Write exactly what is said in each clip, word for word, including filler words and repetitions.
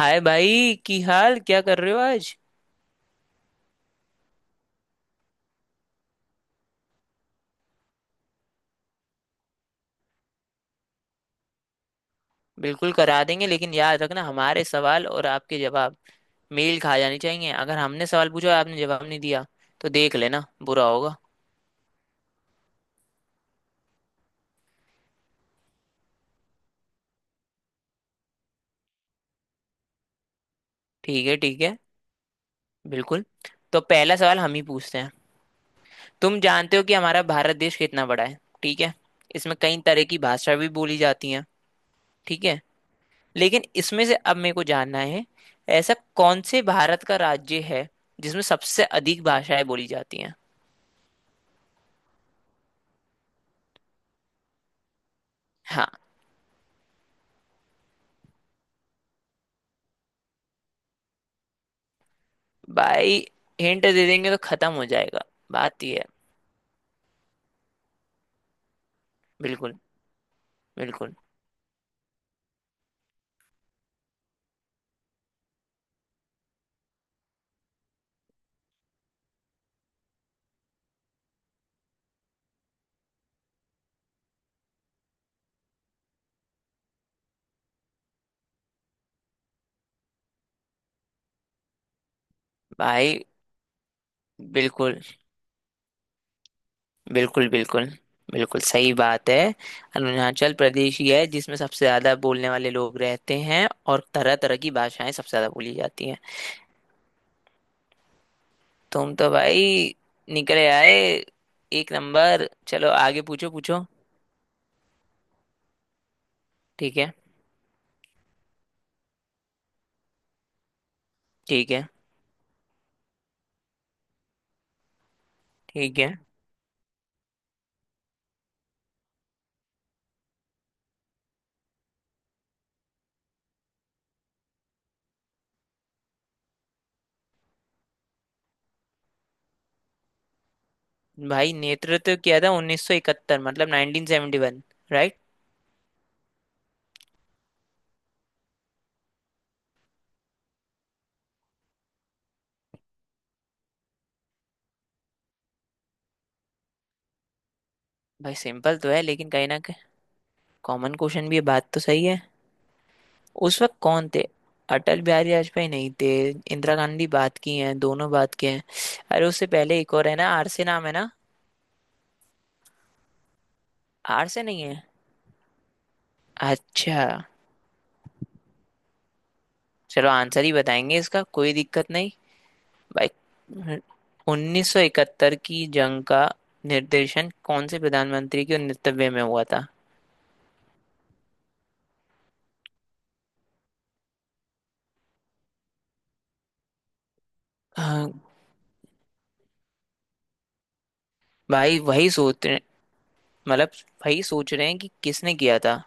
हाय भाई, की हाल क्या कर रहे हो आज। बिल्कुल करा देंगे, लेकिन याद रखना हमारे सवाल और आपके जवाब मेल खा जाने चाहिए। अगर हमने सवाल पूछा और आपने जवाब नहीं दिया तो देख लेना, बुरा होगा। ठीक है। ठीक है। बिल्कुल। तो पहला सवाल हम ही पूछते हैं। तुम जानते हो कि हमारा भारत देश कितना बड़ा है? ठीक है। इसमें कई तरह की भाषा भी बोली जाती है। ठीक है। लेकिन इसमें से अब मेरे को जानना है, ऐसा कौन से भारत का राज्य है जिसमें सबसे अधिक भाषाएं बोली जाती हैं? हाँ। भाई, हिंट दे देंगे तो खत्म हो जाएगा। बात ये है। बिल्कुल। बिल्कुल। भाई, बिल्कुल बिल्कुल बिल्कुल। बिल्कुल सही बात है। अरुणाचल प्रदेश ही है जिसमें सबसे ज्यादा बोलने वाले लोग रहते हैं और तरह तरह की भाषाएं सबसे ज्यादा बोली जाती हैं। तुम तो भाई निकले आए। एक नंबर। चलो आगे, पूछो पूछो। ठीक है। ठीक है। ठीक है। भाई, नेतृत्व किया था उन्नीस सौ इकहत्तर, मतलब उन्नीस सौ इकहत्तर, राइट। भाई, सिंपल तो है लेकिन कहीं ना। कॉमन क्वेश्चन भी है, बात तो सही है। उस वक्त कौन थे? अटल बिहारी वाजपेयी नहीं थे, इंदिरा गांधी। बात की हैं, दोनों बात किए हैं। अरे उससे पहले एक और है ना, आर से नाम है ना। आर से नहीं है? अच्छा। चलो आंसर ही बताएंगे, इसका कोई दिक्कत नहीं। भाई, उन्नीस सौ इकहत्तर की जंग का निर्देशन कौन से प्रधानमंत्री के नेतृत्व में हुआ था? हाँ। भाई, वही सोच रहे। मतलब वही सोच रहे हैं कि किसने किया था।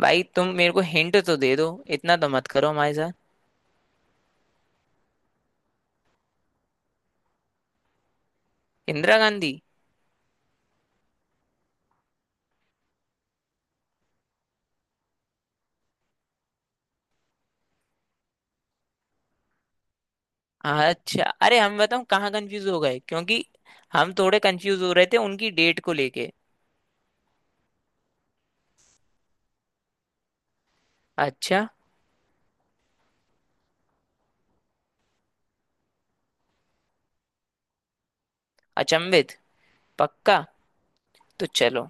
भाई, तुम मेरे को हिंट तो दे दो, इतना तो मत करो हमारे साथ। इंदिरा गांधी। अच्छा। अरे हम बताऊं कहाँ कंफ्यूज हो गए, क्योंकि हम थोड़े कंफ्यूज हो रहे थे उनकी डेट को लेके। अच्छा। अचंभित। पक्का। तो चलो,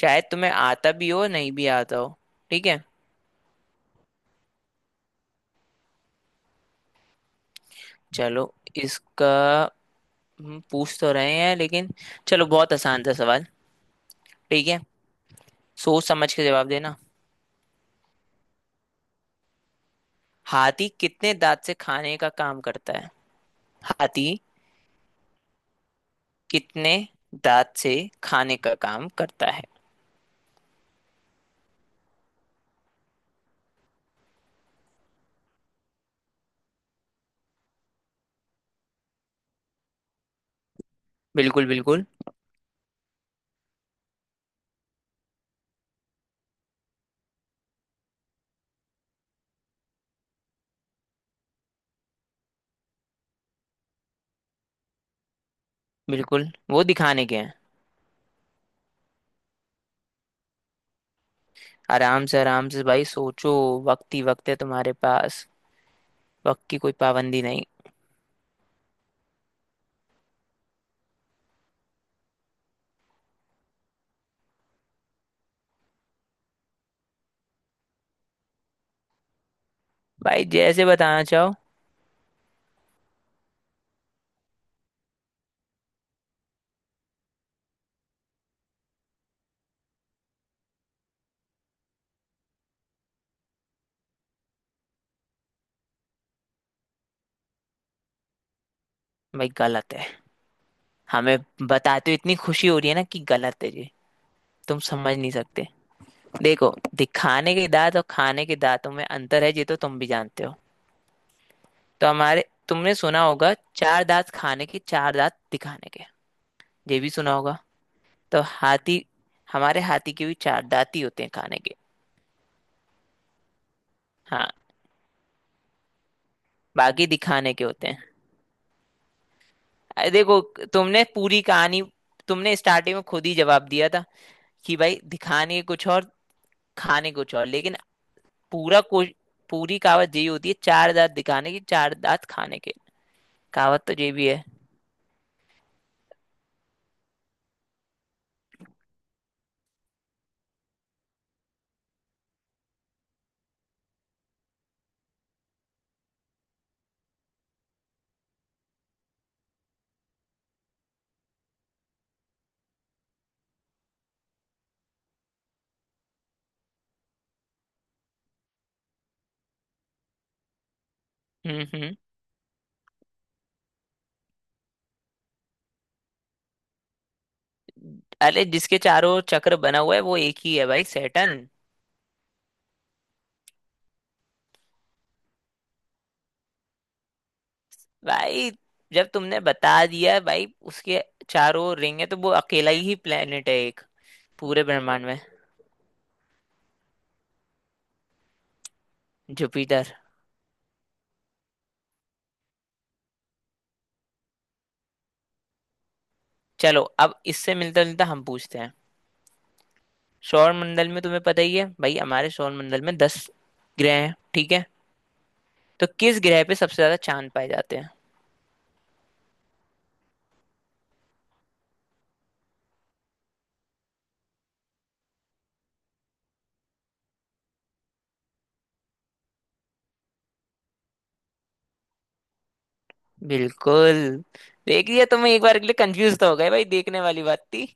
शायद तुम्हें आता भी हो नहीं भी आता हो। ठीक है। चलो। इसका हम पूछ तो रहे हैं लेकिन चलो, बहुत आसान था सवाल। ठीक है। सोच समझ के जवाब देना। हाथी कितने दांत से खाने का काम करता है? हाथी कितने दांत से खाने का काम करता है? बिल्कुल। बिल्कुल। बिल्कुल वो दिखाने के हैं। आराम से आराम से भाई, सोचो। वक्त ही वक्त है तुम्हारे पास। वक्त की कोई पाबंदी नहीं। भाई, जैसे बताना चाहो। भाई, गलत है। हमें बताते हुए इतनी खुशी हो रही है ना कि गलत है जी। तुम समझ नहीं सकते। देखो, दिखाने के दांत और खाने के दांतों में अंतर है, ये तो तुम भी जानते हो। तो हमारे, तुमने सुना होगा चार दांत खाने के, चार दांत दिखाने के। ये भी सुना होगा। तो हाथी, हमारे हाथी के भी चार दांत ही होते हैं खाने के। हाँ। बाकी दिखाने के होते हैं। अरे देखो, तुमने पूरी कहानी, तुमने स्टार्टिंग में खुद ही जवाब दिया था कि भाई, दिखाने कुछ और खाने कुछ और, लेकिन पूरा कोश पूरी कहावत यही होती है, चार दांत दिखाने की, चार दांत खाने के। कहावत तो ये भी है। हम्म। हम्म। अरे, जिसके चारों ओर चक्र बना हुआ है वो एक ही है भाई, सैटर्न। भाई, जब तुमने बता दिया भाई उसके चारों ओर रिंग है, तो वो अकेला ही प्लेनेट है एक। पूरे ब्रह्मांड में जुपिटर। चलो अब इससे मिलता जुलता हम पूछते हैं। सौर मंडल में तुम्हें पता ही है भाई, हमारे सौर मंडल में दस ग्रह हैं, ठीक है? तो किस ग्रह पे सबसे ज्यादा चांद पाए जाते हैं? बिल्कुल। देख लिया, तुम एक बार के लिए कंफ्यूज तो हो गए भाई, देखने वाली बात थी।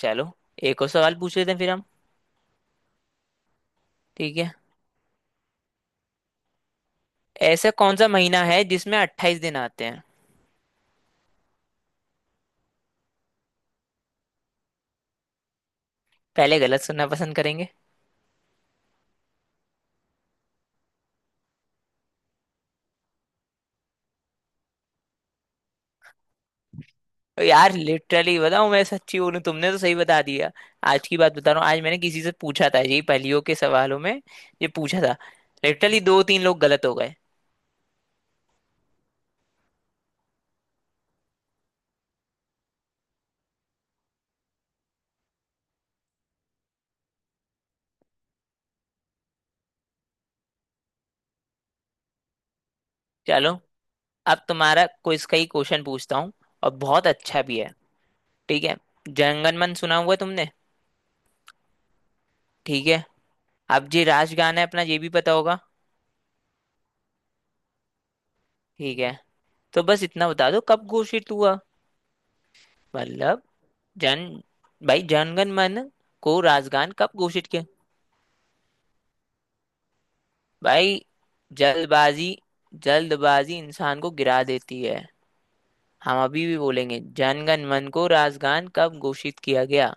चलो एक और सवाल पूछ लेते हैं फिर हम। ठीक है। ऐसा कौन सा महीना है जिसमें अट्ठाईस दिन आते हैं? पहले गलत सुनना पसंद करेंगे। ओ यार, लिटरली बताऊं, मैं सच्ची बोलूं, तुमने तो सही बता दिया। आज की बात बता रहा हूँ, आज मैंने किसी से पूछा था यही, पहेलियों के सवालों में ये पूछा था। लिटरली दो तीन लोग गलत हो गए। चलो अब तुम्हारा क्विज का ही क्वेश्चन पूछता हूँ और बहुत अच्छा भी है। ठीक है। जनगण मन सुना हुआ है तुमने? ठीक है। अब जी राष्ट्रगान है अपना, ये भी पता होगा। ठीक है। तो बस इतना बता दो कब घोषित हुआ। मतलब जन भाई जनगण मन को राष्ट्रगान कब घोषित किया? भाई, जल्दबाजी, जल्दबाजी इंसान को गिरा देती है। हम अभी भी बोलेंगे, जनगण मन को राष्ट्रगान कब घोषित किया गया?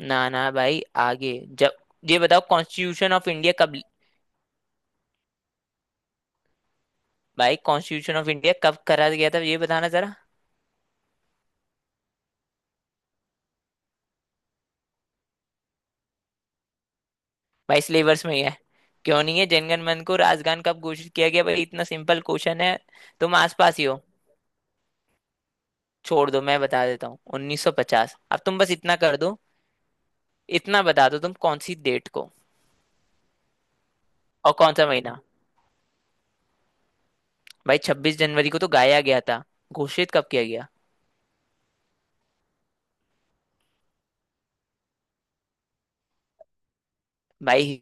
ना ना भाई आगे। जब ये बताओ कॉन्स्टिट्यूशन ऑफ इंडिया कब? भाई, कॉन्स्टिट्यूशन ऑफ इंडिया कब करा गया था, ये बताना जरा। भाई, सिलेबस में ही है, क्यों नहीं है? जनगण मन को राजगान कब घोषित किया गया, भाई इतना सिंपल क्वेश्चन है। तुम आसपास ही हो। छोड़ दो, मैं बता देता हूँ उन्नीस सौ पचास। अब तुम बस इतना कर दो, इतना बता दो तुम कौन सी डेट को? और कौन सा महीना? भाई छब्बीस जनवरी को तो गाया गया था, घोषित कब किया गया? भाई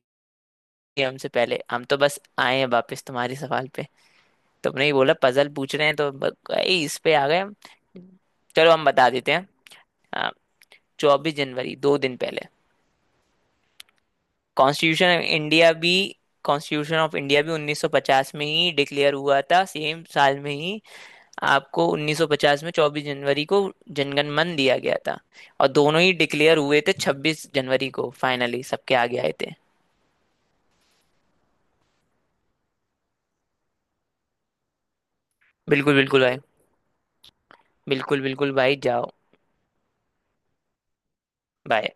ये, हमसे पहले, हम तो बस आए हैं वापस तुम्हारे सवाल पे। तुमने ही बोला पजल पूछ रहे हैं तो ब- भाई इस पे आ गए हम। चलो हम बता देते हैं। चौबीस जनवरी, दो दिन पहले। कॉन्स्टिट्यूशन ऑफ इंडिया भी, कॉन्स्टिट्यूशन ऑफ इंडिया भी उन्नीस सौ पचास में ही डिक्लेयर हुआ था, सेम साल में ही। आपको उन्नीस सौ पचास में चौबीस जनवरी को जनगण मन दिया गया था। और दोनों ही डिक्लेयर हुए थे छब्बीस जनवरी को, फाइनली सबके आगे आए थे। बिल्कुल बिल्कुल भाई। बिल्कुल बिल्कुल भाई, जाओ। बाय।